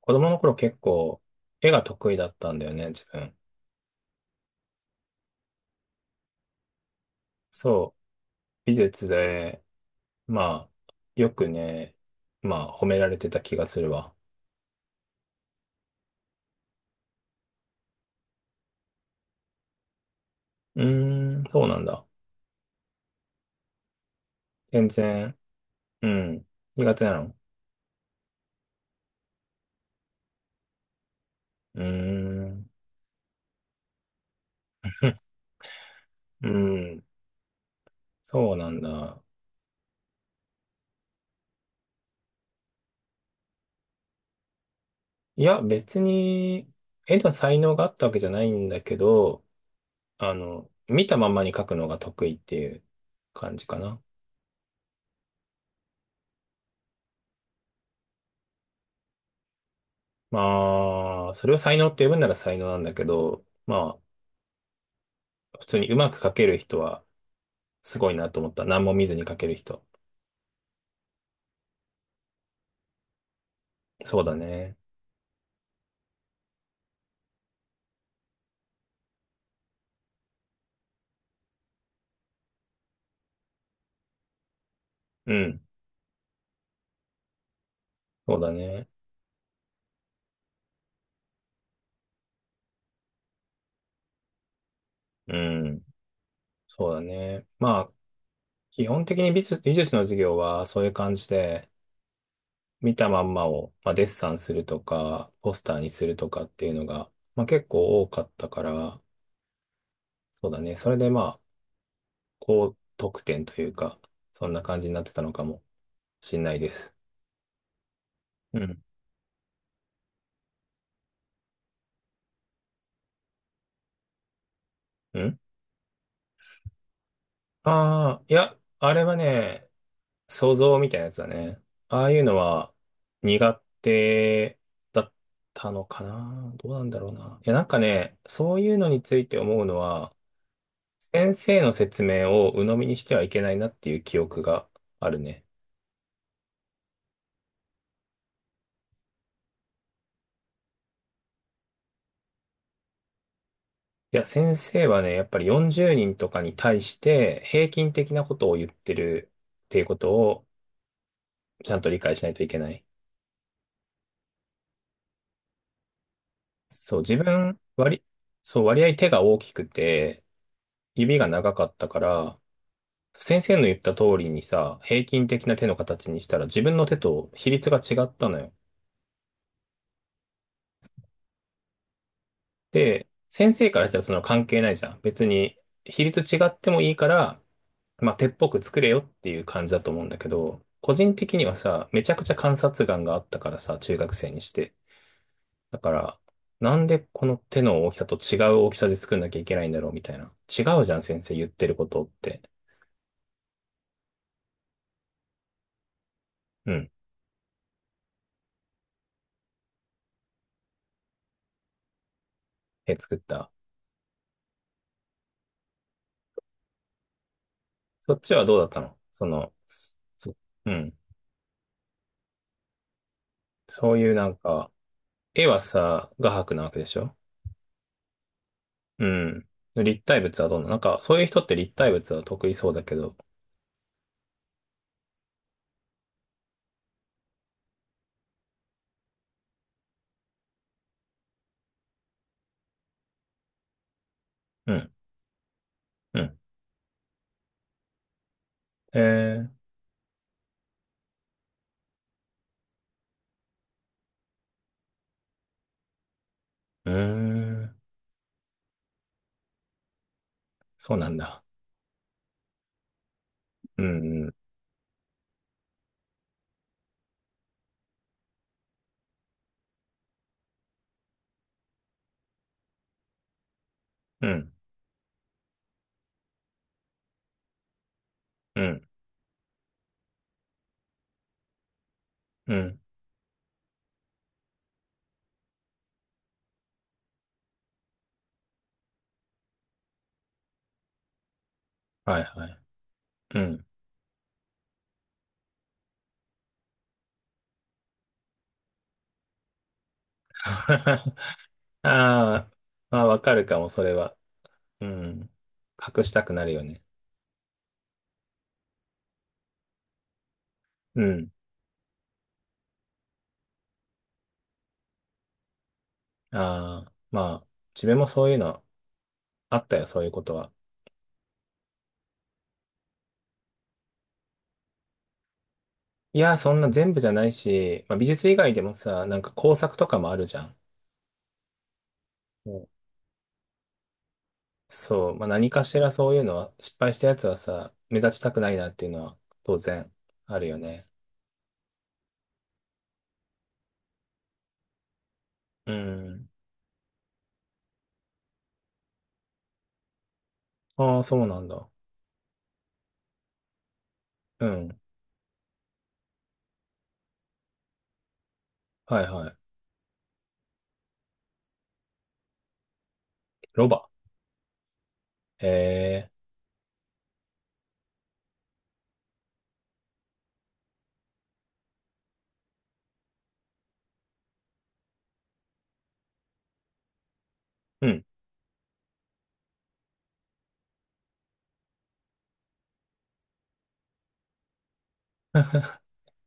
子供の頃結構絵が得意だったんだよね、自分。そう、美術で、まあ、よくね、まあ、褒められてた気がするわ。うーん、そうなんだ。全然、うん、苦手なの。うーん、うん、そうなんだ。いや、別に、絵の才能があったわけじゃないんだけど、見たままに描くのが得意っていう感じかな。まあ、それを才能って呼ぶなら才能なんだけど、まあ、普通にうまく書ける人はすごいなと思った。何も見ずに書ける人。そうだね。うん。そうだね。うん。そうだね。まあ、基本的に美術の授業はそういう感じで、見たまんまを、まあ、デッサンするとか、ポスターにするとかっていうのが、まあ、結構多かったから、そうだね。それでまあ、高得点というか、そんな感じになってたのかもしれないです。うん。うん。ああー、いや、あれはね、想像みたいなやつだね。ああいうのは苦手だったのかな。どうなんだろうな。いや、なんかね、そういうのについて思うのは、先生の説明を鵜呑みにしてはいけないなっていう記憶があるね。いや、先生はね、やっぱり40人とかに対して平均的なことを言ってるっていうことをちゃんと理解しないといけない。そう、自分、そう、割合手が大きくて、指が長かったから、先生の言った通りにさ、平均的な手の形にしたら自分の手と比率が違ったのよ。で、先生からしたらその関係ないじゃん。別に比率違ってもいいから、まあ、手っぽく作れよっていう感じだと思うんだけど、個人的にはさ、めちゃくちゃ観察眼があったからさ、中学生にして。だから、なんでこの手の大きさと違う大きさで作んなきゃいけないんだろうみたいな。違うじゃん、先生言ってることって。うん。手作った。そっちはどうだったの、そうん。そういうなんか、絵はさ、画伯なわけでしょ。うん。立体物はどうなの。なんか、そういう人って立体物は得意そうだけど。うん、うん。えー、うーん、そうなんだ。うん、うん、うん、うん、うん。はい、はい。うん。ああ、まあ、わかるかも、それは。うん。隠したくなるよね。うん。ああ、まあ、自分もそういうのあったよ、そういうことは。いや、そんな全部じゃないし、まあ、美術以外でもさ、なんか工作とかもあるじゃん。うん。そう、まあ、何かしらそういうのは、失敗したやつはさ、目立ちたくないなっていうのは当然あるよね。うん。ああ、そうなんだ。うん。はいはい。ロバ。へえ。うん。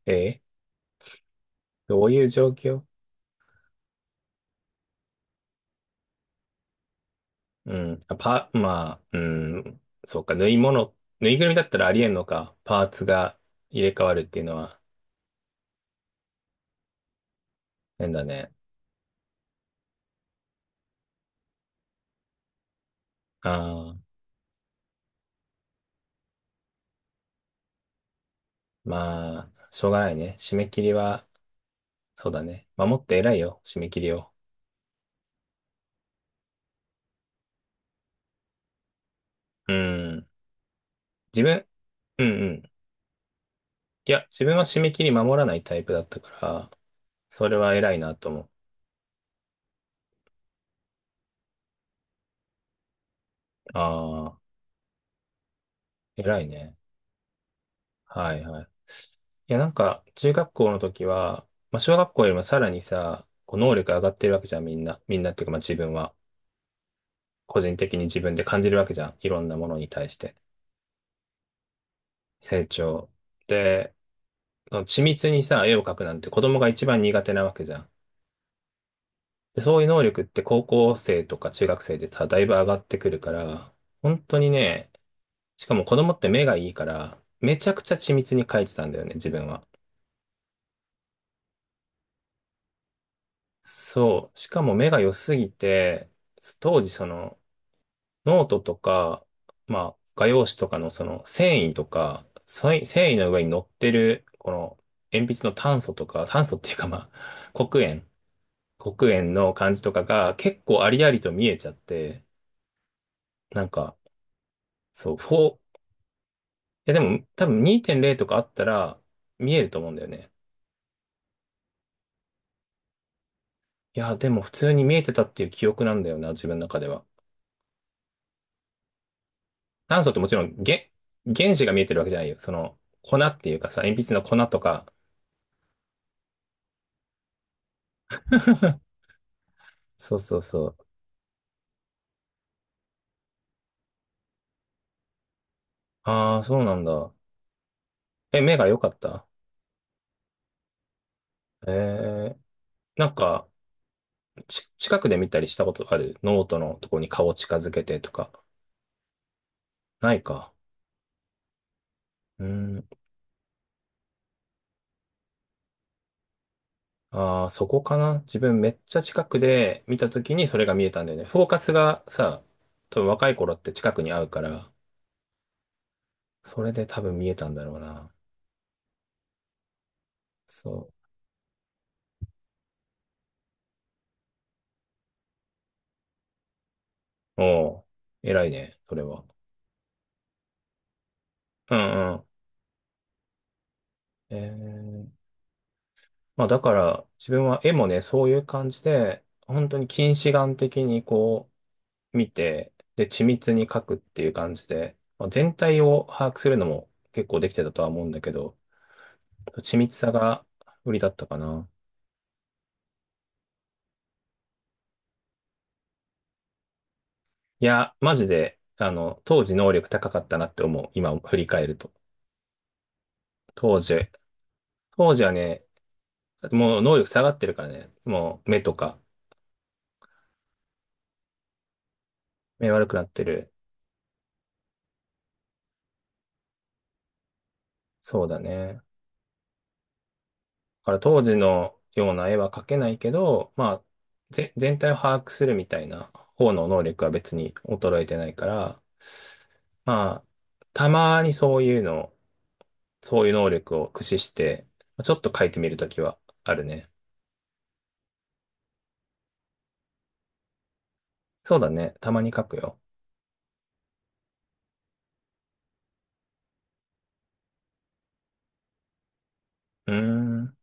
ええ。どういう状況？うん。まあ、うん。そうか、縫い物、縫いぐるみだったらありえんのか。パーツが入れ替わるっていうのは変だね。ああ、まあ、しょうがないね。締め切りは、そうだね。守って偉いよ、締め切りを。うん。自分、うんうん。いや、自分は締め切り守らないタイプだったから、それは偉いなと思う。ああ、偉いね。はいはい。いや、なんか、中学校の時は、まあ、小学校よりもさらにさ、こう能力上がってるわけじゃん、みんな。みんなっていうか、まあ自分は、個人的に自分で感じるわけじゃん。いろんなものに対して。成長。で、その緻密にさ、絵を描くなんて子供が一番苦手なわけじゃん。で、そういう能力って高校生とか中学生でさ、だいぶ上がってくるから、本当にね、しかも子供って目がいいから、めちゃくちゃ緻密に描いてたんだよね、自分は。そう。しかも目が良すぎて、当時ノートとか、まあ、画用紙とかのその繊維とか、繊維の上に乗ってる、この、鉛筆の炭素とか、炭素っていうかまあ、黒鉛の感じとかが結構ありありと見えちゃって、なんか、そう、4、いやでも多分2.0とかあったら見えると思うんだよね。いや、でも普通に見えてたっていう記憶なんだよな、自分の中では。炭素ってもちろん、原子が見えてるわけじゃないよ。粉っていうかさ、鉛筆の粉とか。そうそうそう。ああ、そうなんだ。え、目が良かった。ええ、なんか、近くで見たりしたことある？ノートのとこに顔近づけてとか。ないか。うん。ああ、そこかな。自分めっちゃ近くで見たときにそれが見えたんだよね。フォーカスがさ、多分若い頃って近くに合うから、それで多分見えたんだろうな。そう。おう、偉いね、それは。うんうん。まあだから、自分は絵もね、そういう感じで、本当に近視眼的にこう、見て、で、緻密に描くっていう感じで、まあ、全体を把握するのも結構できてたとは思うんだけど、緻密さが売りだったかな。いや、マジで、当時能力高かったなって思う。今振り返ると。当時、はね、もう能力下がってるからね、もう目とか、目悪くなってる。そうだね。だから当時のような絵は描けないけど、まあ、全体を把握するみたいな方の能力は別に衰えてないから、まあ、たまにそういうの、そういう能力を駆使して、ちょっと描いてみるときはあるね。そうだね。たまに描くよ。うーん。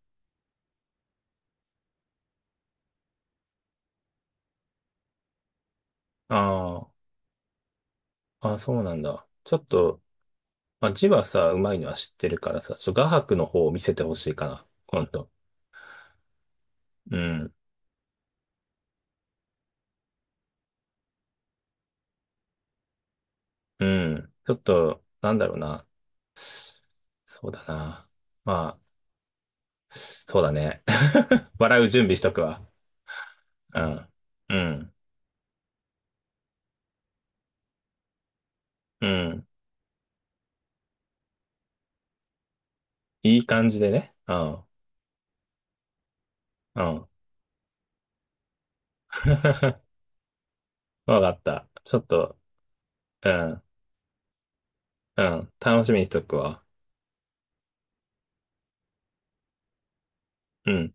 ああ、あ、そうなんだ。ちょっと、まあ、字はさ、うまいのは知ってるからさ、ちょっと画伯の方を見せてほしいかな。今度。うん。うん。ちょっと、なんだろうな。そうだな。まあ、そうだね。笑う準備しとくわ。うん。うん。うん。いい感じでね。うん。うん。わかった。ちょっと、うん。うん。楽しみにしとくわ。うん。